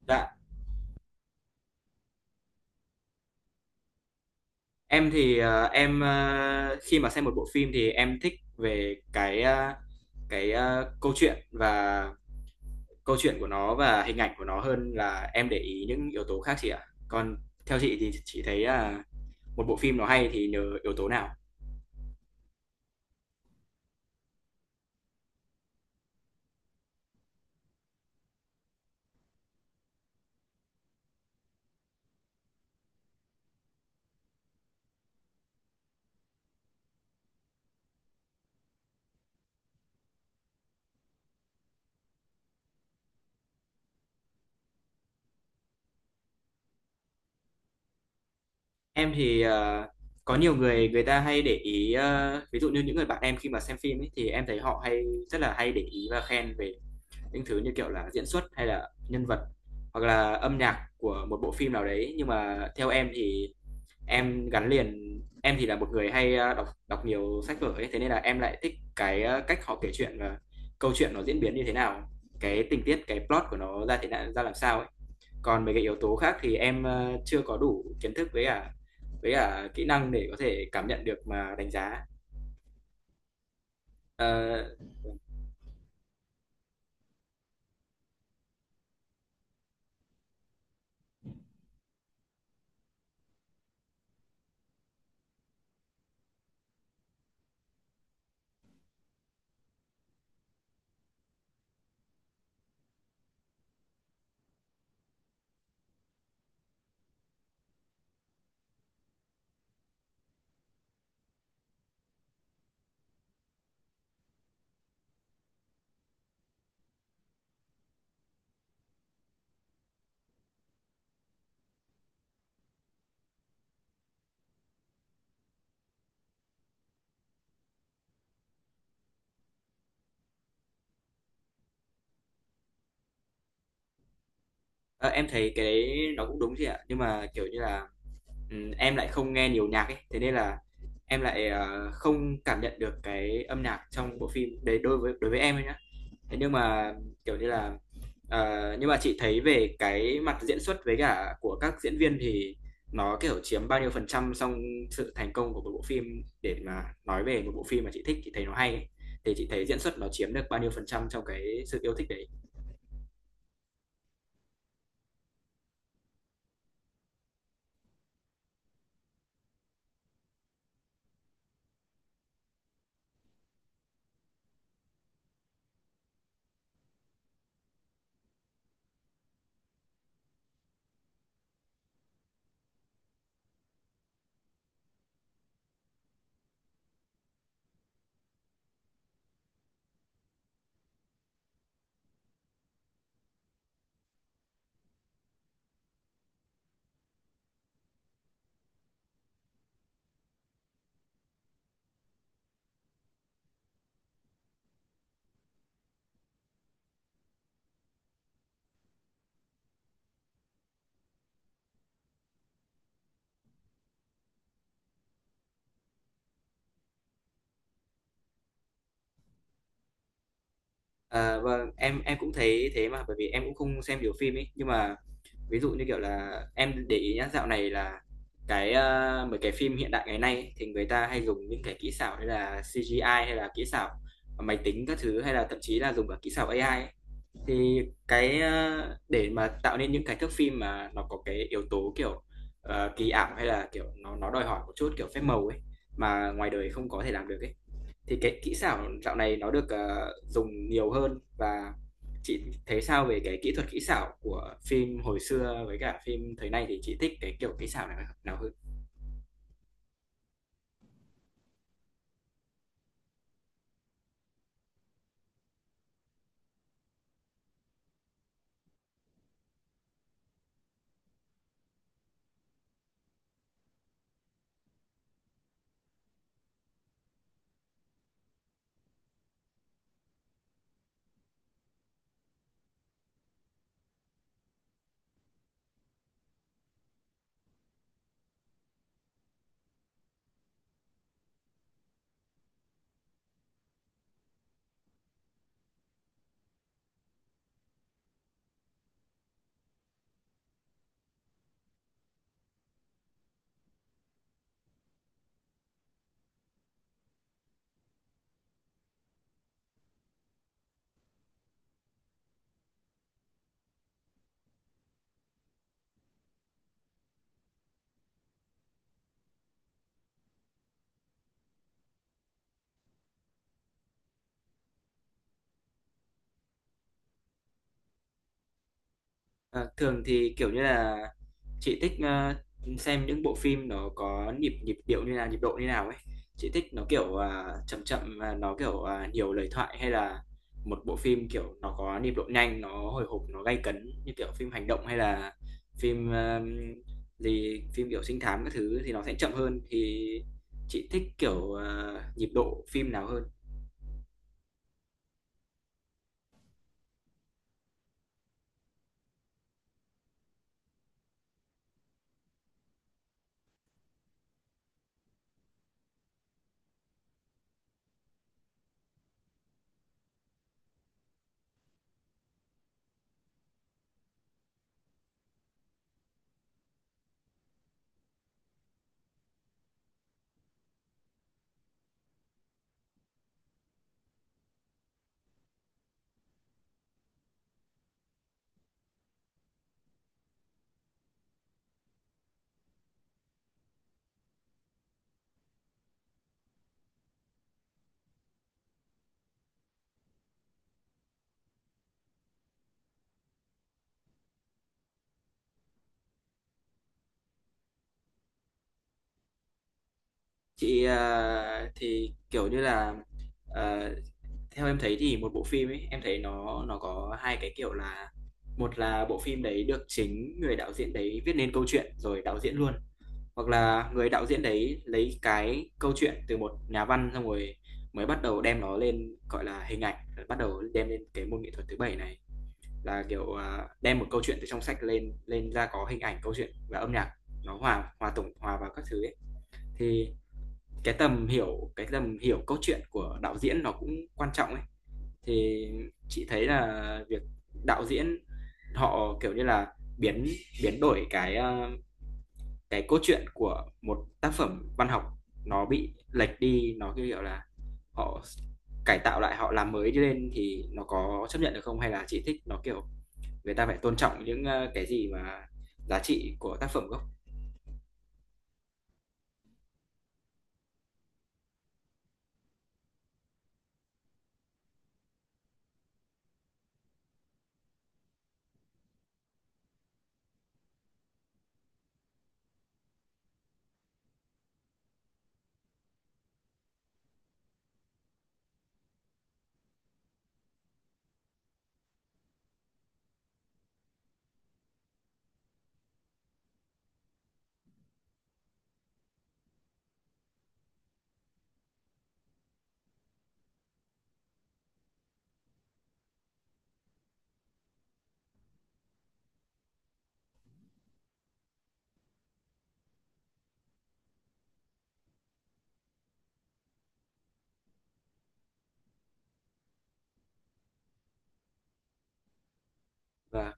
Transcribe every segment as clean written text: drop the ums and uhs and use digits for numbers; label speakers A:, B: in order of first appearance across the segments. A: Dạ, em, khi mà xem một bộ phim thì em thích về cái câu chuyện của nó và hình ảnh của nó hơn là em để ý những yếu tố khác chị ạ. Còn theo chị thì chị thấy là một bộ phim nó hay thì nhờ yếu tố nào? Em thì, có nhiều người, người ta hay để ý, ví dụ như những người bạn em khi mà xem phim ấy thì em thấy họ rất là hay để ý và khen về những thứ như kiểu là diễn xuất hay là nhân vật hoặc là âm nhạc của một bộ phim nào đấy. Nhưng mà theo em thì, em gắn liền em thì là một người hay đọc đọc nhiều sách vở ấy, thế nên là em lại thích cái cách họ kể chuyện và câu chuyện nó diễn biến như thế nào, cái tình tiết cái plot của nó ra thế nào ra làm sao ấy. Còn mấy cái yếu tố khác thì em chưa có đủ kiến thức với cả kỹ năng để có thể cảm nhận được mà đánh giá. Ờ, ờ, em thấy cái đấy nó cũng đúng chị ạ, nhưng mà, kiểu như là, em lại không nghe nhiều nhạc ấy, thế nên là em lại, không cảm nhận được cái âm nhạc trong bộ phim đấy đối với em ấy nhá. Thế nhưng mà, kiểu như là, nhưng mà chị thấy về cái mặt diễn xuất với cả của các diễn viên thì nó, kiểu, chiếm bao nhiêu phần trăm trong sự thành công của một bộ phim, để mà nói về một bộ phim mà chị thích, chị thấy nó hay ấy, thì chị thấy diễn xuất nó chiếm được bao nhiêu phần trăm trong cái sự yêu thích đấy? À, vâng, em cũng thấy thế mà, bởi vì em cũng không xem nhiều phim ấy, nhưng mà ví dụ như kiểu là em để ý nhá, dạo này là mấy cái phim hiện đại ngày nay ấy, thì người ta hay dùng những cái kỹ xảo hay là CGI hay là kỹ xảo máy tính các thứ, hay là thậm chí là dùng cả kỹ xảo AI ấy. Thì để mà tạo nên những cái thước phim mà nó có cái yếu tố kiểu kỳ ảo, hay là kiểu nó đòi hỏi một chút kiểu phép màu ấy mà ngoài đời không có thể làm được ấy, thì cái kỹ xảo dạo này nó được, dùng nhiều hơn. Và chị thấy sao về cái kỹ thuật kỹ xảo của phim hồi xưa với cả phim thời nay, thì chị thích cái kiểu kỹ xảo nào nào hơn? Ờ, Thường thì, kiểu như là, chị thích, xem những bộ phim nó có nhịp nhịp điệu như là nhịp độ như nào ấy. Chị thích nó, kiểu, chậm chậm và nó, kiểu, nhiều lời thoại, hay là một bộ phim, kiểu, nó có nhịp độ nhanh, nó hồi hộp, nó gay cấn như kiểu phim hành động, hay là phim, phim, kiểu, trinh thám các thứ thì nó sẽ chậm hơn. Thì chị thích, kiểu, nhịp độ phim nào hơn? Chị, à, thì, kiểu như là, ờ Theo em thấy thì một bộ phim ấy, em thấy nó có hai cái kiểu là, một là bộ phim đấy được chính người đạo diễn đấy viết nên câu chuyện rồi đạo diễn luôn, hoặc là người đạo diễn đấy lấy cái câu chuyện từ một nhà văn, xong rồi mới bắt đầu đem nó lên gọi là hình ảnh, rồi bắt đầu đem lên cái môn nghệ thuật thứ bảy này, là kiểu đem một câu chuyện từ trong sách lên lên ra có hình ảnh câu chuyện và âm nhạc, nó hòa hòa tổng hòa vào các thứ ấy. Thì cái tầm hiểu câu chuyện của đạo diễn nó cũng quan trọng ấy. Thì chị thấy là việc đạo diễn họ, kiểu như là, biến biến đổi cái cốt truyện của một tác phẩm văn học, nó bị lệch đi, nó, như kiểu là, họ cải tạo lại, họ làm mới lên, thì nó có chấp nhận được không? Hay là chị thích nó, kiểu, người ta phải tôn trọng những, cái gì mà giá trị của tác phẩm gốc? Và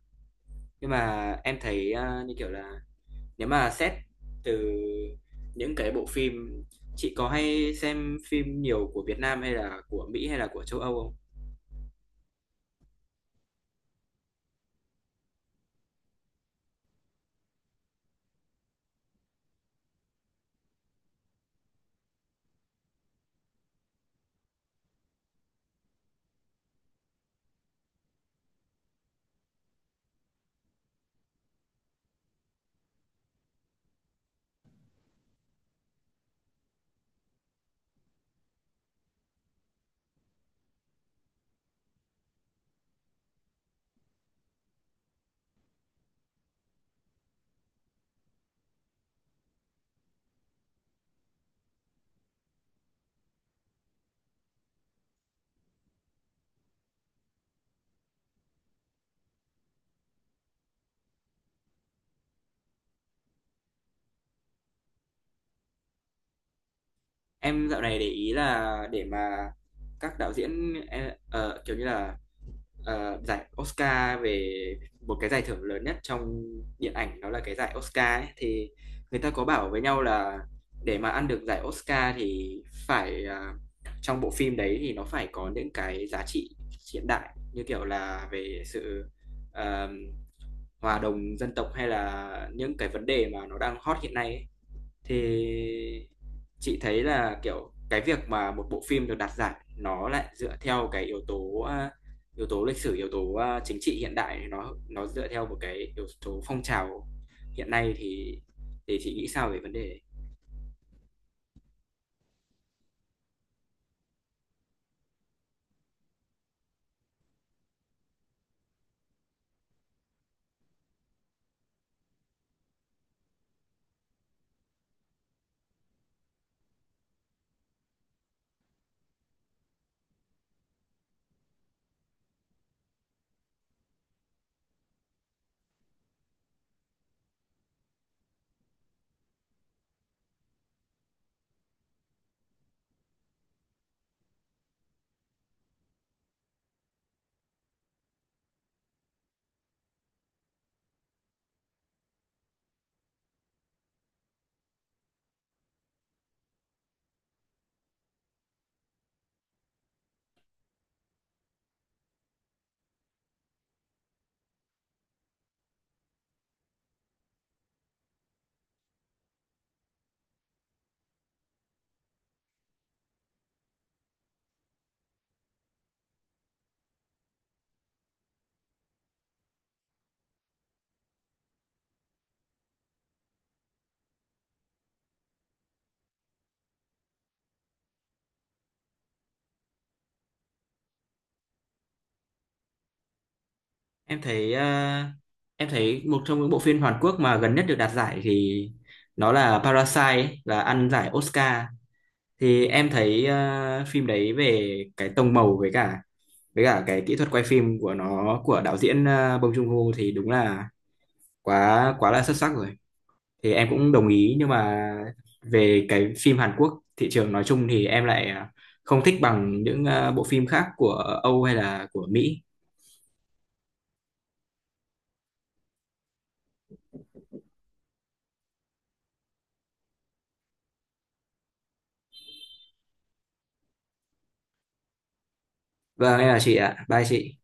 A: nhưng mà em thấy, như kiểu là, nếu mà xét từ những cái bộ phim, chị có hay xem phim nhiều của Việt Nam hay là của Mỹ hay là của châu Âu không? Em dạo này để ý là để mà các đạo diễn kiểu như là giải Oscar, về một cái giải thưởng lớn nhất trong điện ảnh đó là cái giải Oscar ấy, thì người ta có bảo với nhau là để mà ăn được giải Oscar thì phải trong bộ phim đấy thì nó phải có những cái giá trị hiện đại, như kiểu là về sự ờm, hòa đồng dân tộc, hay là những cái vấn đề mà nó đang hot hiện nay ấy. Thì chị thấy là, kiểu, cái việc mà một bộ phim được đạt giải nó lại dựa theo cái yếu tố, yếu tố lịch sử, yếu tố, chính trị hiện đại, thì nó dựa theo một cái yếu tố phong trào hiện nay, thì chị nghĩ sao về vấn đề đấy? Em thấy, a, em thấy một trong những bộ phim Hàn Quốc mà gần nhất được đạt giải thì nó là Parasite ấy, là ăn giải Oscar. Thì em thấy phim đấy về cái tông màu với cả cái kỹ thuật quay phim của nó, của đạo diễn Bong Joon-ho, thì đúng là quá quá là xuất sắc rồi, thì em cũng đồng ý, nhưng mà về cái phim Hàn Quốc thị trường nói chung thì em lại không thích bằng những bộ phim khác của Âu hay là của Mỹ. Vâng em là chị ạ, bye chị.